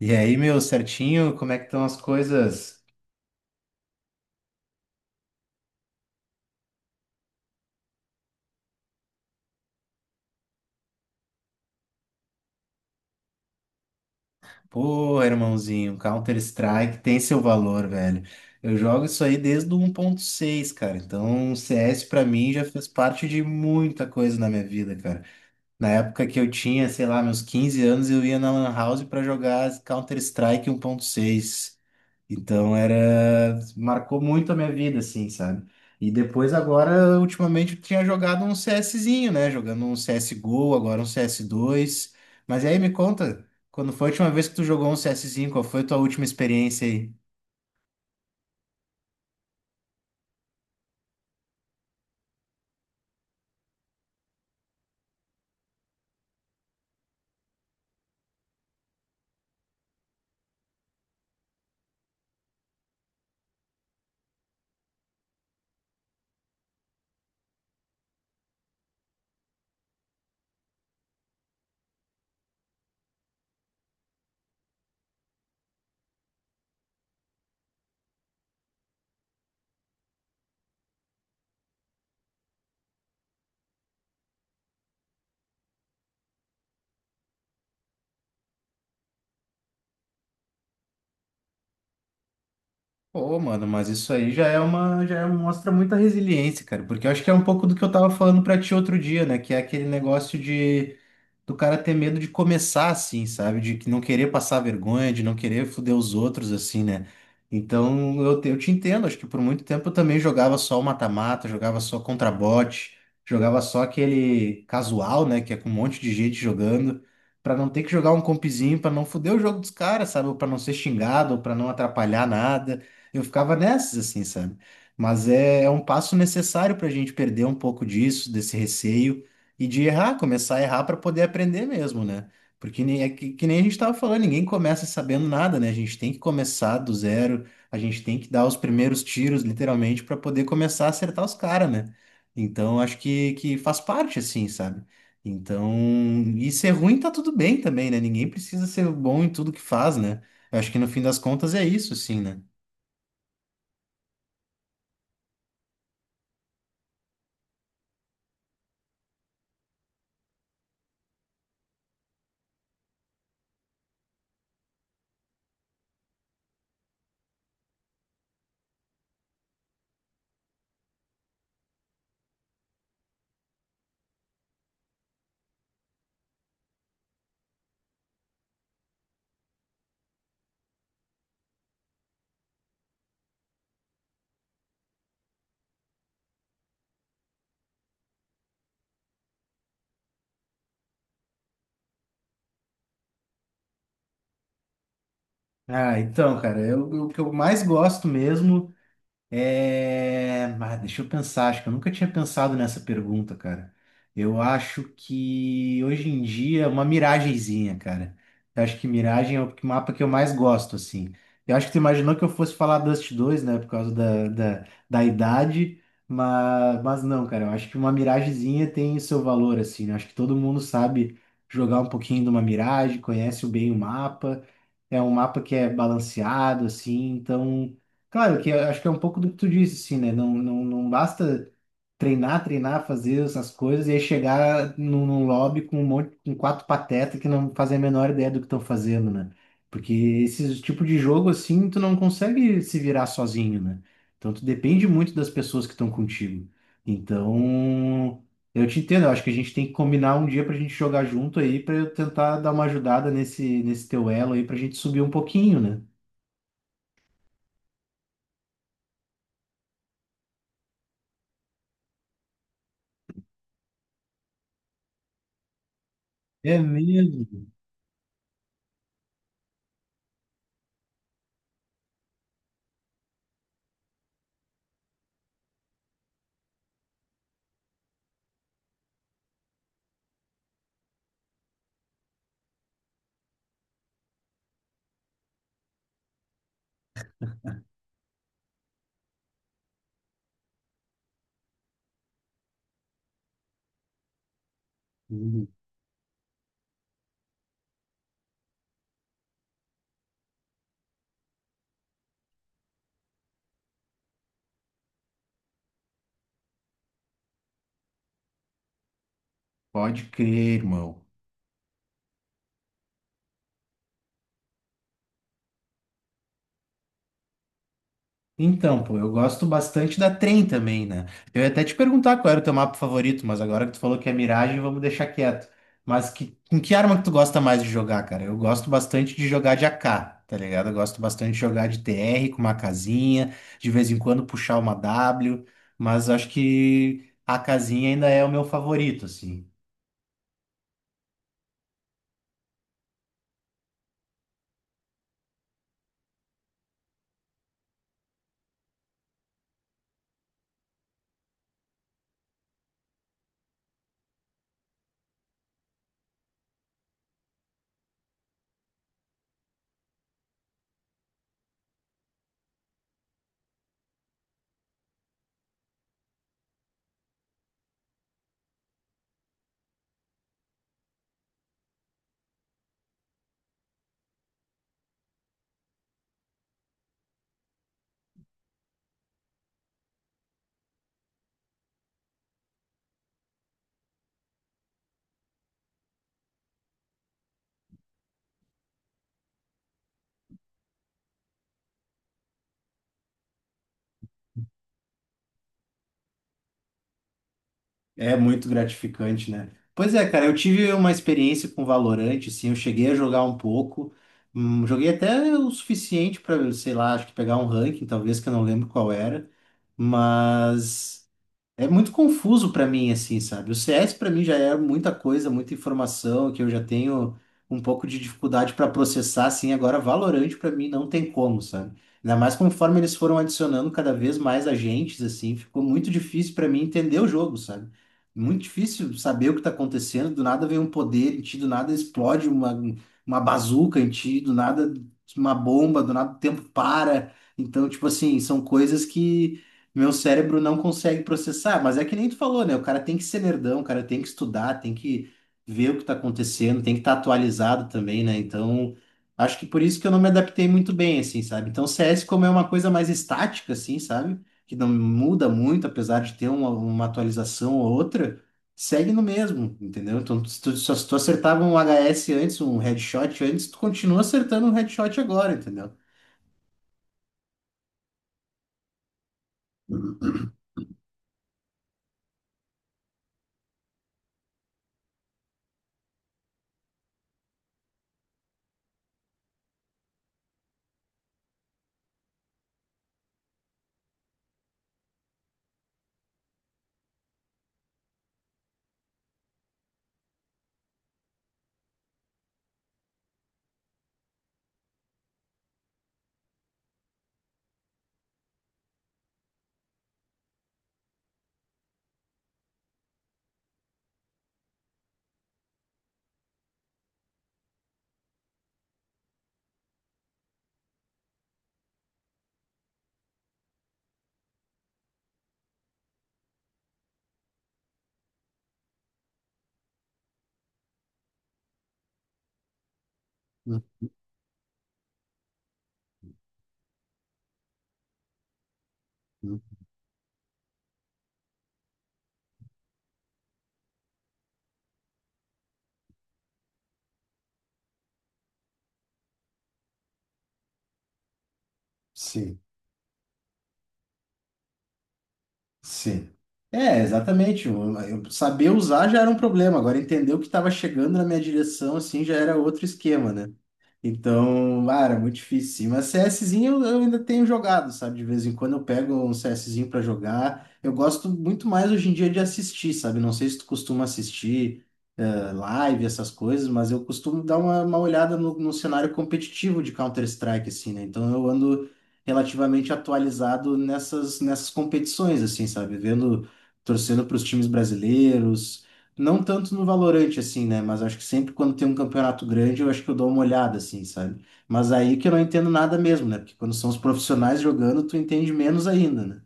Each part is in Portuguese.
E aí, meu certinho, como é que estão as coisas? Pô, irmãozinho, Counter-Strike tem seu valor, velho. Eu jogo isso aí desde o 1.6, cara. Então, o CS pra mim já fez parte de muita coisa na minha vida, cara. Na época que eu tinha, sei lá, meus 15 anos, eu ia na Lan House pra jogar Counter-Strike 1.6. Marcou muito a minha vida, assim, sabe? E depois agora, ultimamente, eu tinha jogado um CSzinho, né? Jogando um CSGO, agora um CS2. Mas aí me conta, quando foi a última vez que tu jogou um CSzinho? Qual foi a tua última experiência aí? Pô, mano, mas isso aí já é uma, já é- mostra muita resiliência, cara, porque eu acho que é um pouco do que eu tava falando pra ti outro dia, né? Que é aquele negócio de do cara ter medo de começar assim, sabe? De que não querer passar vergonha, de não querer foder os outros assim, né? Então eu te entendo, acho que por muito tempo eu também jogava só o mata-mata, jogava só contra bot, jogava só aquele casual, né? Que é com um monte de gente jogando, pra não ter que jogar um compzinho, pra não foder o jogo dos caras, sabe? Ou pra não ser xingado, ou pra não atrapalhar nada. Eu ficava nessas assim, sabe? Mas é, é um passo necessário pra gente perder um pouco disso, desse receio e de errar, começar a errar para poder aprender mesmo, né? Porque nem, é que nem a gente estava falando, ninguém começa sabendo nada, né? A gente tem que começar do zero, a gente tem que dar os primeiros tiros, literalmente, para poder começar a acertar os caras, né? Então, acho que faz parte, assim, sabe? Então, e ser ruim tá tudo bem também, né? Ninguém precisa ser bom em tudo que faz, né? Eu acho que no fim das contas é isso, assim, né? Ah, então, cara, o que eu mais gosto mesmo. É, mas deixa eu pensar, acho que eu nunca tinha pensado nessa pergunta, cara. Eu acho que hoje em dia uma miragenzinha, cara. Eu acho que miragem é o mapa que eu mais gosto, assim. Eu acho que tu imaginou que eu fosse falar Dust 2, né, por causa da idade, mas não, cara. Eu acho que uma miragenzinha tem seu valor, assim, né? Eu acho que todo mundo sabe jogar um pouquinho de uma miragem, conhece bem o mapa. É um mapa que é balanceado, assim, então, claro que eu acho que é um pouco do que tu disse, assim, né? Não, não, não basta treinar, treinar, fazer essas coisas e aí chegar num lobby com com quatro patetas que não fazem a menor ideia do que estão fazendo, né? Porque esse tipo de jogo assim, tu não consegue se virar sozinho, né? Então tu depende muito das pessoas que estão contigo. Então, eu te entendo, eu acho que a gente tem que combinar um dia pra gente jogar junto aí, pra eu tentar dar uma ajudada nesse teu elo aí pra gente subir um pouquinho, né? É mesmo? Uhum. Pode crer, irmão. Então, pô, eu gosto bastante da Trem também, né? Eu ia até te perguntar qual era o teu mapa favorito, mas agora que tu falou que é Mirage, vamos deixar quieto. Mas que, com que arma que tu gosta mais de jogar, cara? Eu gosto bastante de jogar de AK, tá ligado? Eu gosto bastante de jogar de TR com uma casinha, de vez em quando puxar uma W, mas acho que a casinha ainda é o meu favorito, assim. É muito gratificante, né? Pois é, cara, eu tive uma experiência com Valorant, assim, eu cheguei a jogar um pouco, joguei até o suficiente para, sei lá, acho que pegar um ranking, talvez, que eu não lembro qual era, mas é muito confuso pra mim, assim, sabe? O CS pra mim já é muita coisa, muita informação que eu já tenho um pouco de dificuldade pra processar, assim. Agora, Valorant pra mim não tem como, sabe? Ainda mais conforme eles foram adicionando cada vez mais agentes, assim, ficou muito difícil pra mim entender o jogo, sabe? Muito difícil saber o que tá acontecendo. Do nada vem um poder em ti, do nada explode uma bazuca em ti, do nada uma bomba, do nada o tempo para. Então, tipo assim, são coisas que meu cérebro não consegue processar, mas é que nem tu falou, né? O cara tem que ser nerdão, o cara tem que estudar, tem que ver o que tá acontecendo, tem que estar atualizado também, né? Então, acho que por isso que eu não me adaptei muito bem, assim, sabe? Então, CS, como é uma coisa mais estática, assim, sabe? Que não muda muito, apesar de ter uma atualização ou outra, segue no mesmo, entendeu? Então, se tu, só se tu acertava um HS antes, um headshot antes, tu continua acertando um headshot agora, entendeu? Uhum. Sim. Sim. É, exatamente. Saber usar já era um problema. Agora, entender o que estava chegando na minha direção, assim, já era outro esquema, né? Então, ah, era muito difícil, sim. Mas CSzinho eu ainda tenho jogado, sabe? De vez em quando eu pego um CSzinho para jogar. Eu gosto muito mais hoje em dia de assistir, sabe? Não sei se tu costuma assistir live, essas coisas, mas eu costumo dar uma olhada no cenário competitivo de Counter-Strike, assim, né? Então eu ando relativamente atualizado nessas competições, assim, sabe? Vendo, torcendo para os times brasileiros, não tanto no Valorante, assim, né? Mas acho que sempre quando tem um campeonato grande, eu acho que eu dou uma olhada, assim, sabe? Mas aí que eu não entendo nada mesmo, né? Porque quando são os profissionais jogando, tu entende menos ainda, né?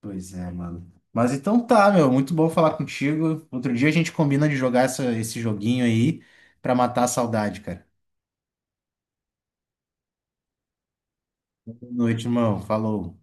Pois é, mano. Mas então tá, meu, muito bom falar contigo. Outro dia a gente combina de jogar esse joguinho aí pra matar a saudade, cara. Boa noite, irmão. Falou.